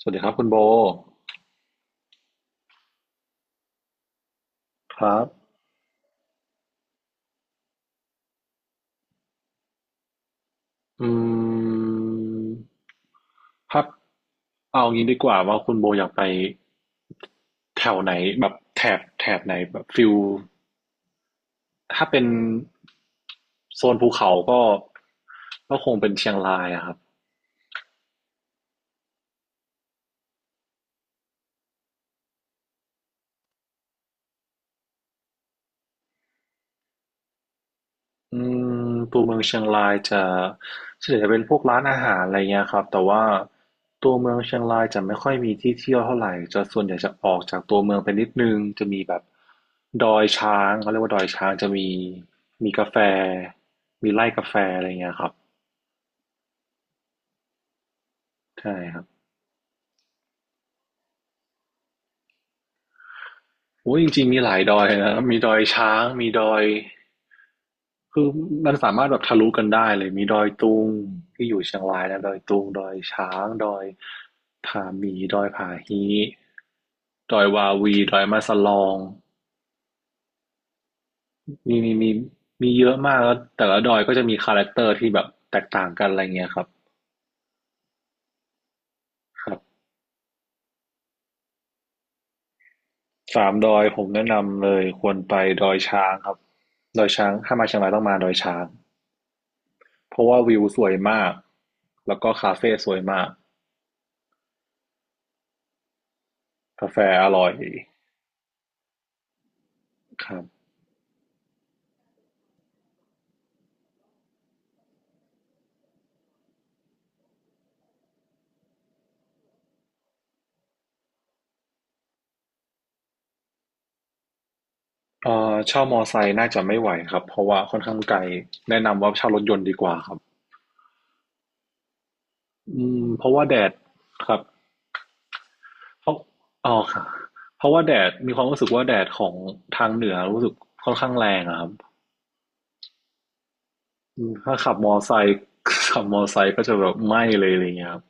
สวัสดีครับคุณโบครับอืมครับเอางี้ดีกว่าว่าคุณโบอยากไปแถวไหนแบบแถบไหนแบบฟิลถ้าเป็นโซนภูเขาก็คงเป็นเชียงรายอะครับ อืมตัวเมืองเชียงรายจะส่วนใหญ่จะเป็นพวกร้านอาหารอะไรเงี้ยครับแต่ว่าตัวเมืองเชียงรายจะไม่ค่อยมีที่เที่ยวเท่าไหร่จะส่วนใหญ่จะออกจากตัวเมืองไปนิดนึงจะมีแบบดอยช้างเขาเรียกว่าดอยช้างจะมีกาแฟมีไร่กาแฟอะไรเงี้ยครับใช่ครับโอ้ยจริงๆมีหลายดอยนะมีดอยช้างมีดอย คือมันสามารถแบบทะลุกันได้เลยมีดอยตุงที่อยู่เชียงรายนะดอยตุงดอยช้างดอยผาหมีดอยผาฮีดอยวาวีดอยมาสลองมีมีเยอะมากแล้วแต่ละดอยก็จะมีคาแรคเตอร์ที่แบบแตกต่างกันอะไรเงี้ยครับครับสามดอยผมแนะนำเลยควรไปดอยช้างครับดอยช้างถ้ามาเชียงรายต้องมาดอยช้างเพราะว่าวิวสวยมากแล้วก็คาเฟ่สวยมากกาแฟอร่อยครับ เช่ามอไซค์น่าจะไม่ไหวครับเพราะว่าค่อนข้างไกลแนะนำว่าเช่ารถยนต์ดีกว่าครับอืมเพราะว่าแดดครับเพราะอ๋อครับเพราะว่าแดดมีความรู้สึกว่าแดดของทางเหนือรู้สึกค่อนข้างแรงอะครับอืมถ้าขับมอไซค์ ขับมอไซค์ก็จะแบบไหม้เลยอะไรเงี้ยครับ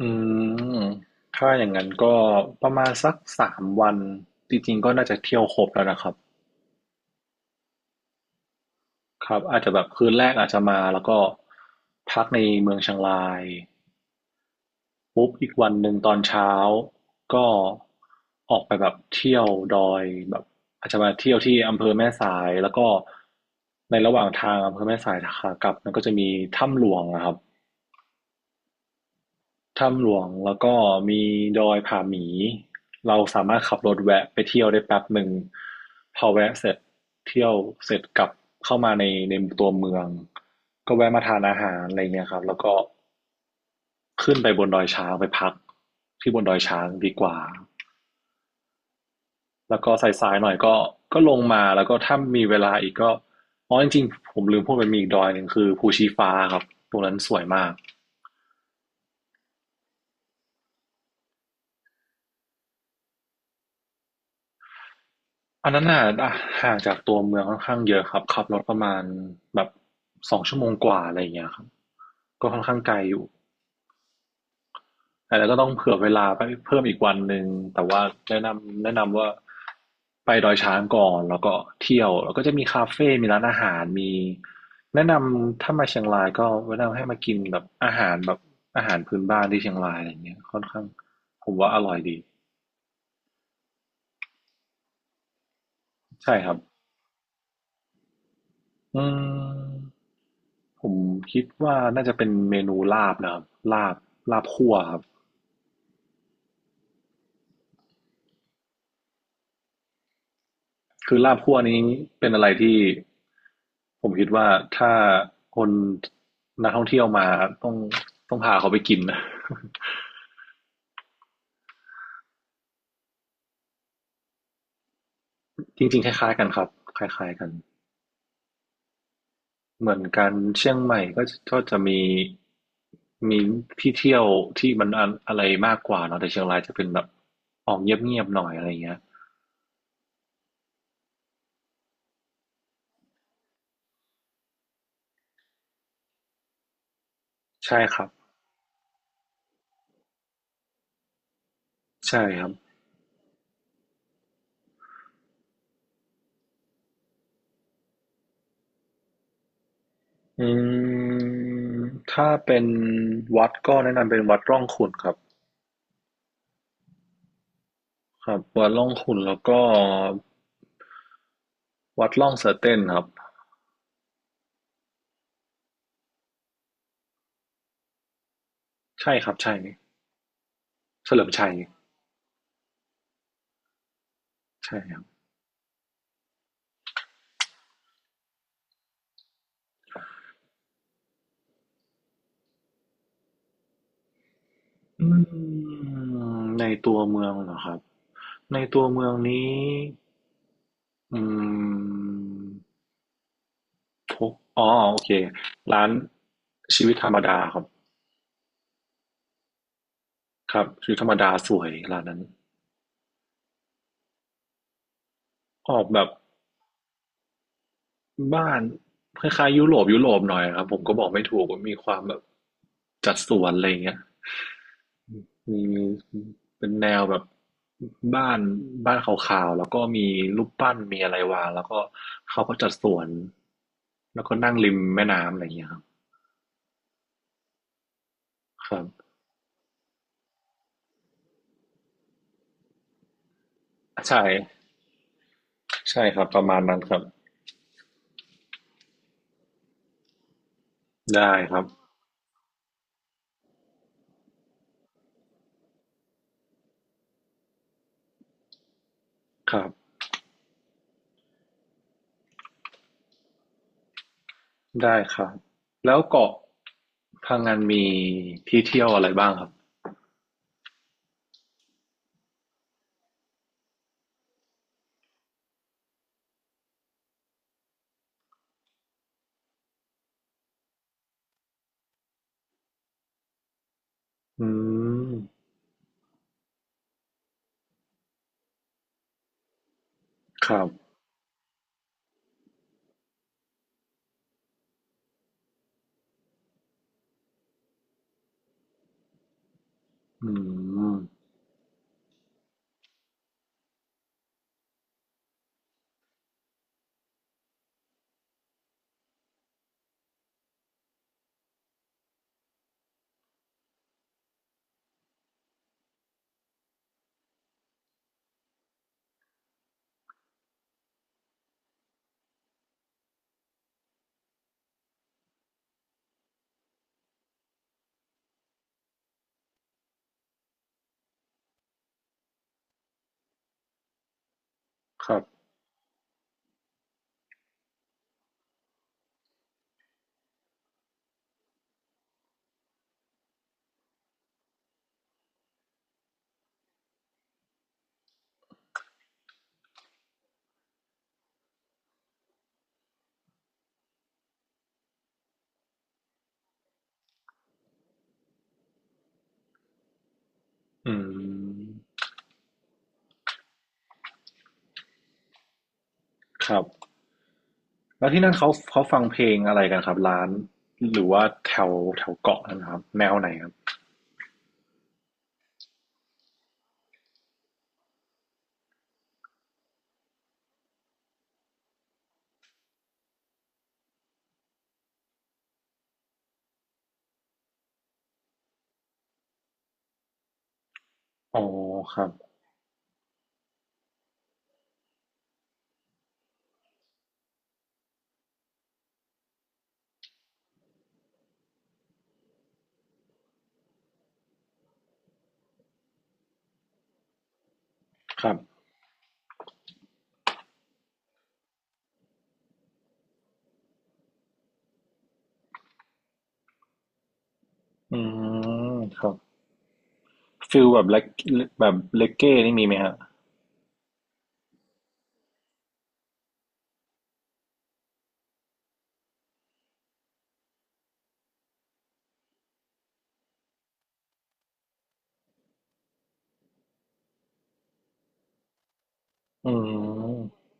อืมถ้าอย่างนั้นก็ประมาณสัก3วันจริงๆก็น่าจะเที่ยวครบแล้วนะครับครับอาจจะแบบคืนแรกอาจจะมาแล้วก็พักในเมืองเชียงราย ปุ๊บอีกวันหนึ่งตอนเช้าก็ออกไปแบบเที่ยวดอยแบบอาจจะมาเที่ยวที่อำเภอแม่สายแล้วก็ในระหว่างทางอำเภอแม่สายขากลับมันก็จะมีถ้ำหลวงนะครับถ้ำหลวงแล้วก็มีดอยผาหมีเราสามารถขับรถแวะไปเที่ยวได้แป๊บหนึ่งพอแวะเสร็จเที่ยวเสร็จกลับเข้ามาในตัวเมืองก็แวะมาทานอาหารอะไรเงี้ยครับแล้วก็ขึ้นไปบนดอยช้างไปพักที่บนดอยช้างดีกว่า แล้วก็สายๆหน่อยก็ลงมาแล้วก็ถ้ามีเวลาอีกก็อ๋อจริงๆผมลืมพูดไปมีอีกดอยหนึ่งคือภูชีฟ้าครับตรงนั้นสวยมากอันนั้นน่ะอ่ะห่างจากตัวเมืองค่อนข้างเยอะครับขับรถประมาณแบบสองชั่วโมงกว่าอะไรอย่างเงี้ยครับก็ค่อนข้างไกลอยู่ อาจจะก็ต้องเผื่อเวลาไปเพิ่มอีกวันหนึ่งแต่ว่าแนะนำว่าไปดอยช้างก่อนแล้วก็เที่ยวแล้วก็จะมีคาเฟ่มีร้านอาหาร มีแนะนำถ้ามาเชียงรายก็แนะนำให้มากินแบบอาหารแบบอาหารพื้นบ้านที่เชียงรายอะไรเงี้ยค่อนข้างผมว่าอร่อยดีใช่ครับอืมผมคิดว่าน่าจะเป็นเมนูลาบนะครับลาบลาบคั่วครับ คือลาบคั่วนี้เป็นอะไรที่ผมคิดว่าถ้าคนนักท่องเที่ยวมาต้องต้องพาเขาไปกินนะ จริงๆคล้ายๆกันครับคล้ายๆกันเหมือนกันเชียงใหม่ก็จะมีที่เที่ยวที่มันอะไรมากกว่าเนาะแต่เชียงรายจะเป็นแบบออกเงียบๆหน่อยอะไรเงี้ยใช่ครับใช่ครับอืมถ้าเป็นวัดก็แนะนำเป็นวัดร่องขุ่นครับครับวัดร่องขุ่นแล้วก็ วัดล่องเสือเต้นครับใช่ครับใช่เฉลิมชัยใช่ครับอืมในตัวเมืองเหรอครับในตัวเมืองนี้อืมทุกอ๋อโอเคร้านชีวิตธรรมดาครับครับชีวิตธรรมดาสวยร้านนั้นออกแบบบ้านคล้ายๆยุโรปหน่อยครับผมก็บอกไม่ถูกว่ามีความแบบจัดสวนอะไรอย่างเงี้ย มีเป็นแนวแบบบ้านบ้านขาวๆแล้วก็มีรูปปั้นมีอะไรวางแล้วก็เขาก็จัดสวนแล้วก็นั่งริมแม่น้ำอะไรอย่างเงี้ยครับครับใช่ใช่ครับประมาณนั้นครับได้ครับครับได้ครับแล้วเกาะพังงานมีที่เที่ยวอะไรบ้างครับอืมครับอืมครับอืมครับ แล้วที่นั่นเขาฟังเพลงอะไรกันครับร้านหรือว่าแถวแถวเกาะนะครับแนวไหนครับอ๋อครับครับอืมครับฟิลแบบเลกแบบเลกเก้นี่มีไหมฮะอืม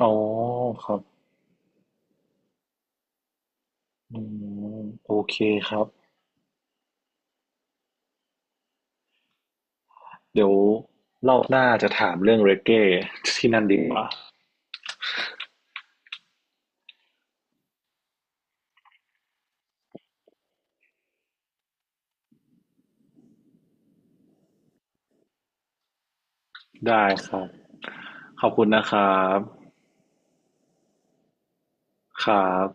อ๋อครับอืมโอเคครับเดี๋ยวเร่าหน้าจะถามเรื่องเรเก้ที่นั่นดีกว่าได้ครับขอบคุณนะครับครับ